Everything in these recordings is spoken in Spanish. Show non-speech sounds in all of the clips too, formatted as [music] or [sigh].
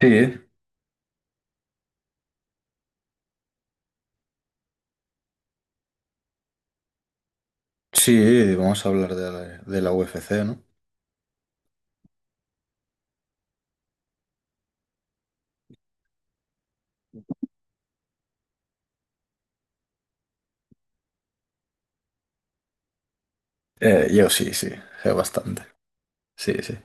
Sí, sí, vamos a hablar de la UFC, ¿no? Yo sí, sí, sé bastante. Sí, sí.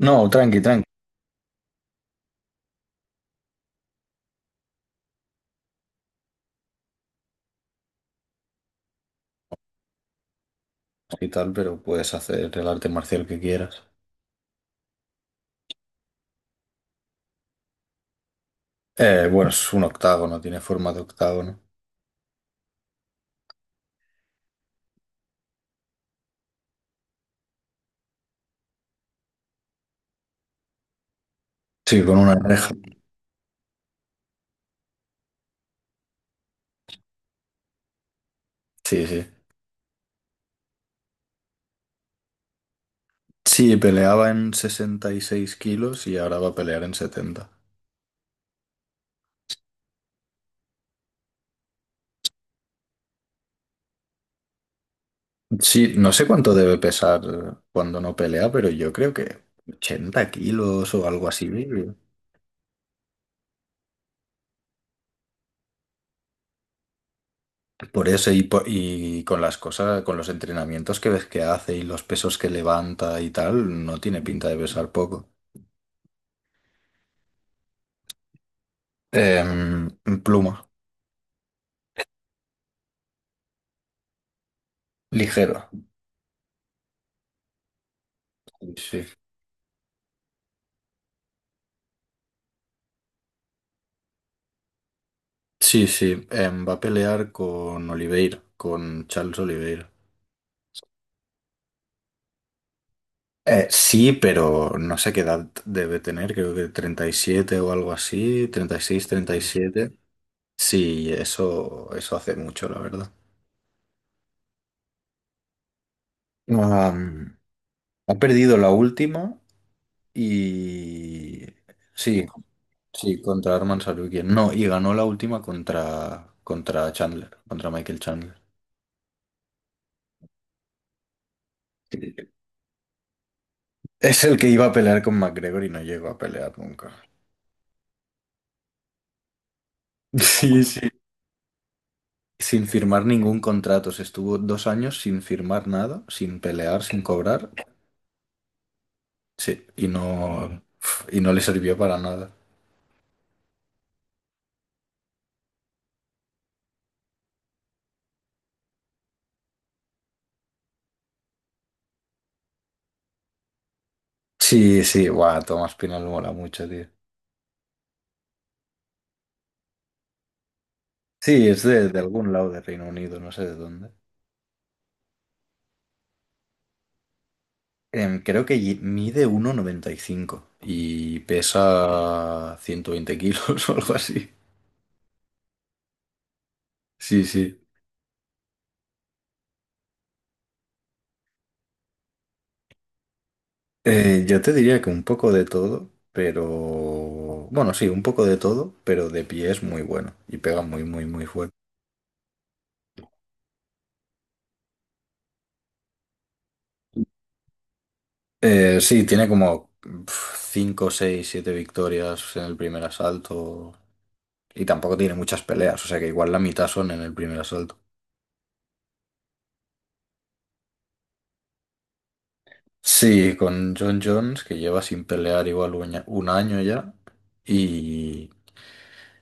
No, tranqui, tranqui y tal, pero puedes hacer el arte marcial que quieras. Bueno, es un octágono, no tiene forma de octágono. Sí, con una reja. Sí, sí. Sí, peleaba en 66 kilos y ahora va a pelear en 70. Sí, no sé cuánto debe pesar cuando no pelea, pero yo creo que 80 kilos o algo así. Por eso y, y con las cosas, con los entrenamientos que ves que hace y los pesos que levanta y tal, no tiene pinta de pesar poco. Em, Pluma, ligero. Sí, sí, sí. Va a pelear con Oliveira, con Charles Oliveira. Sí, pero no sé qué edad debe tener, creo que 37 o algo así, 36 37. Sí, eso hace mucho, la verdad. Ah, ha perdido la última. Y sí, sí, contra Arman Sarukian. No, y ganó la última contra, contra Chandler, contra Michael Chandler. Es el que iba a pelear con McGregor y no llegó a pelear nunca. [laughs] Sí, sí. Sin firmar ningún contrato. Se estuvo 2 años sin firmar nada, sin pelear, sin cobrar. Sí, y no le sirvió para nada. Sí, sí, guau, Tomás Pinal mola mucho, tío. Sí, es de algún lado de Reino Unido, no sé de dónde. Creo que mide 1,95 y pesa 120 kilos [laughs] o algo así. Sí, sí. Yo te diría que un poco de todo, pero... Bueno, sí, un poco de todo, pero de pie es muy bueno y pega muy, muy, muy fuerte. Sí, tiene como 5 6 7 victorias en el primer asalto y tampoco tiene muchas peleas, o sea que igual la mitad son en el primer asalto. Sí, con John Jones, que lleva sin pelear igual 1 año 1 año ya. Y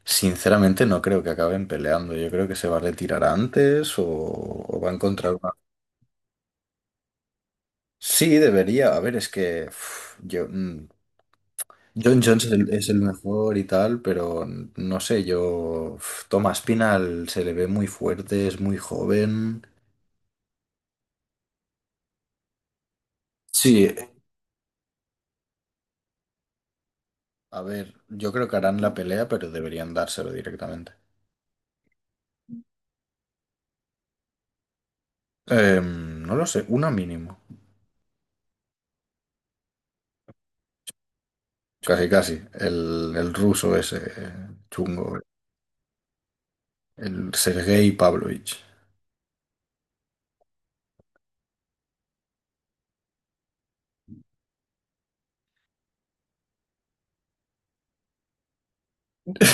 sinceramente no creo que acaben peleando. Yo creo que se va a retirar antes o va a encontrar una... Sí, debería. A ver, es que uf, yo, mm, John Jones es el mejor y tal, pero no sé, yo... uf, Thomas Pinal se le ve muy fuerte, es muy joven. Sí, a ver, yo creo que harán la pelea, pero deberían dárselo directamente. No lo sé, una mínimo. Casi, casi. El ruso ese chungo. El Sergei Pavlovich. [laughs]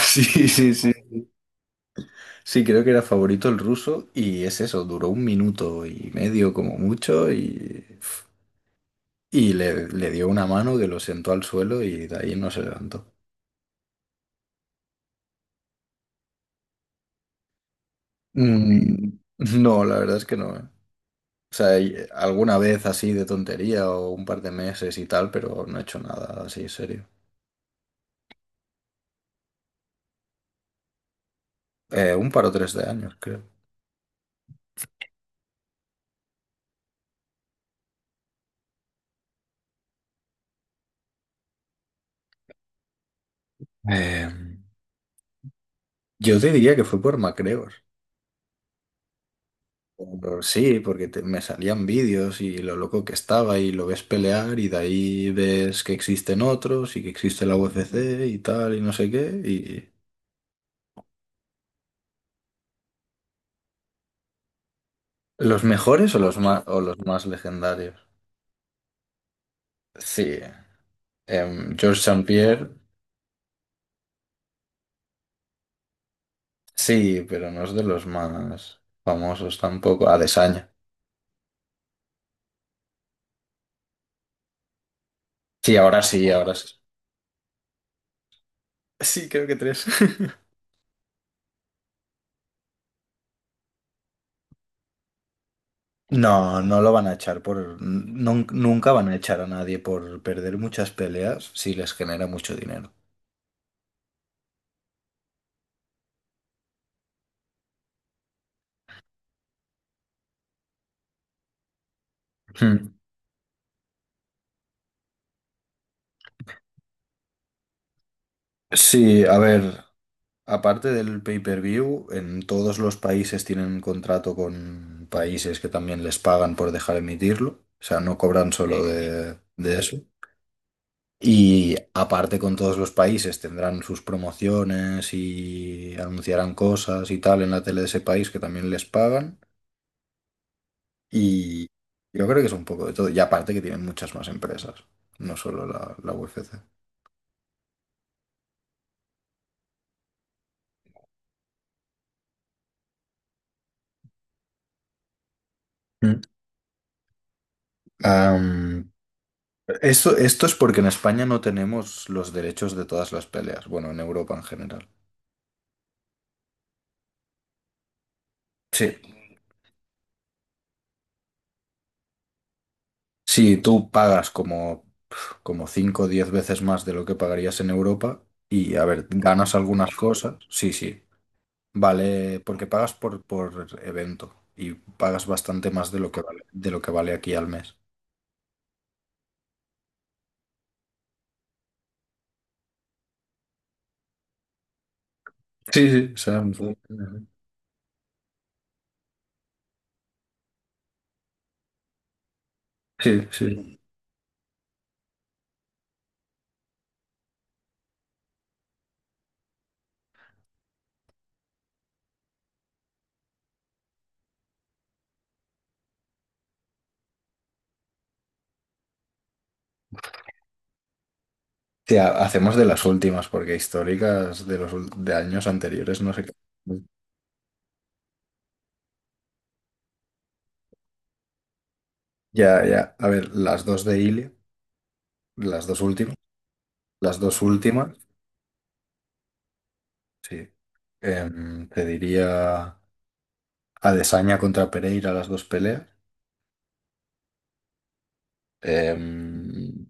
Sí, sí, sí. Sí, creo que era favorito el ruso y es eso, duró un minuto y medio como mucho y, le dio una mano que lo sentó al suelo y de ahí no se levantó. Mm, no, la verdad es que no. O sea, alguna vez así de tontería o un par de meses y tal, pero no he hecho nada así serio. Un par o tres de años, creo. Eh, yo te diría que fue por MacGregor. Pero sí, porque me salían vídeos y lo loco que estaba y lo ves pelear y de ahí ves que existen otros y que existe la UFC y tal y no sé qué y los mejores o los más legendarios. Sí, George Saint Pierre, sí, pero no es de los más famosos tampoco. Adesanya. Sí, ahora sí, ahora sí. Sí, creo que tres. [laughs] No, no lo van a echar por... nunca van a echar a nadie por perder muchas peleas si les genera mucho dinero. Hmm. Sí, a ver, aparte del pay-per-view, en todos los países tienen contrato con países que también les pagan por dejar emitirlo, o sea, no cobran solo, sí, de eso. Y aparte con todos los países tendrán sus promociones y anunciarán cosas y tal en la tele de ese país que también les pagan. Y yo creo que es un poco de todo. Y aparte que tienen muchas más empresas, no solo la UFC. Mm. Am, Esto, esto es porque en España no tenemos los derechos de todas las peleas, bueno, en Europa en general. Sí. Sí, tú pagas como, como 5 o 10 veces más de lo que pagarías en Europa y, a ver, ganas algunas cosas. Sí, sí. Vale, porque pagas por evento y pagas bastante más de lo que vale, de lo que vale aquí al mes. Sí, sí, serán... Sí, sí. Sí, hacemos de las últimas, porque históricas de los de años anteriores no sé qué. Ya, ya. A ver, las dos de Ilia, las dos últimas, las dos últimas, sí. Te diría Adesanya contra Pereira, las dos peleas. Em,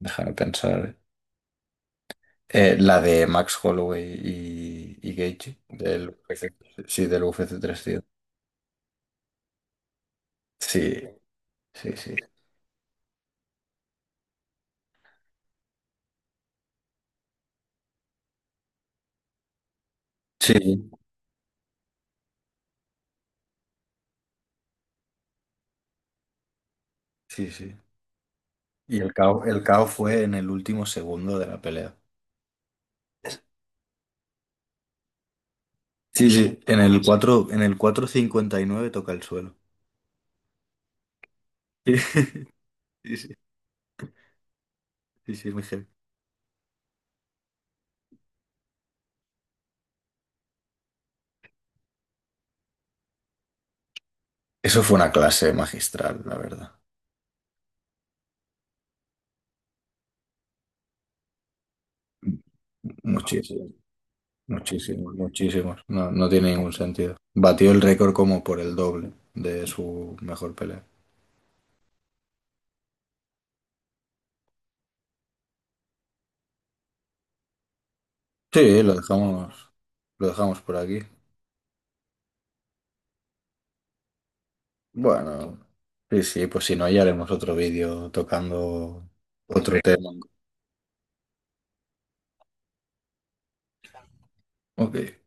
Déjame pensar. La de Max Holloway y Gaethje, del UFC, sí, del UFC 300. Sí, sí, sí. Sí, sí, sí. Y el caos fue en el último segundo de la pelea. Sí, sí, en el 4, en el 4:59 toca el suelo. [laughs] Sí, sí, sí, sí, es muy heavy. Eso fue una clase magistral, la verdad. Muchísimo, muchísimo, muchísimos. No, no tiene ningún sentido. Batió el récord como por el doble de su mejor pelea. Sí, lo dejamos por aquí. Bueno, sí, sí, pues si no, ya haremos otro vídeo tocando otro tema. Ok.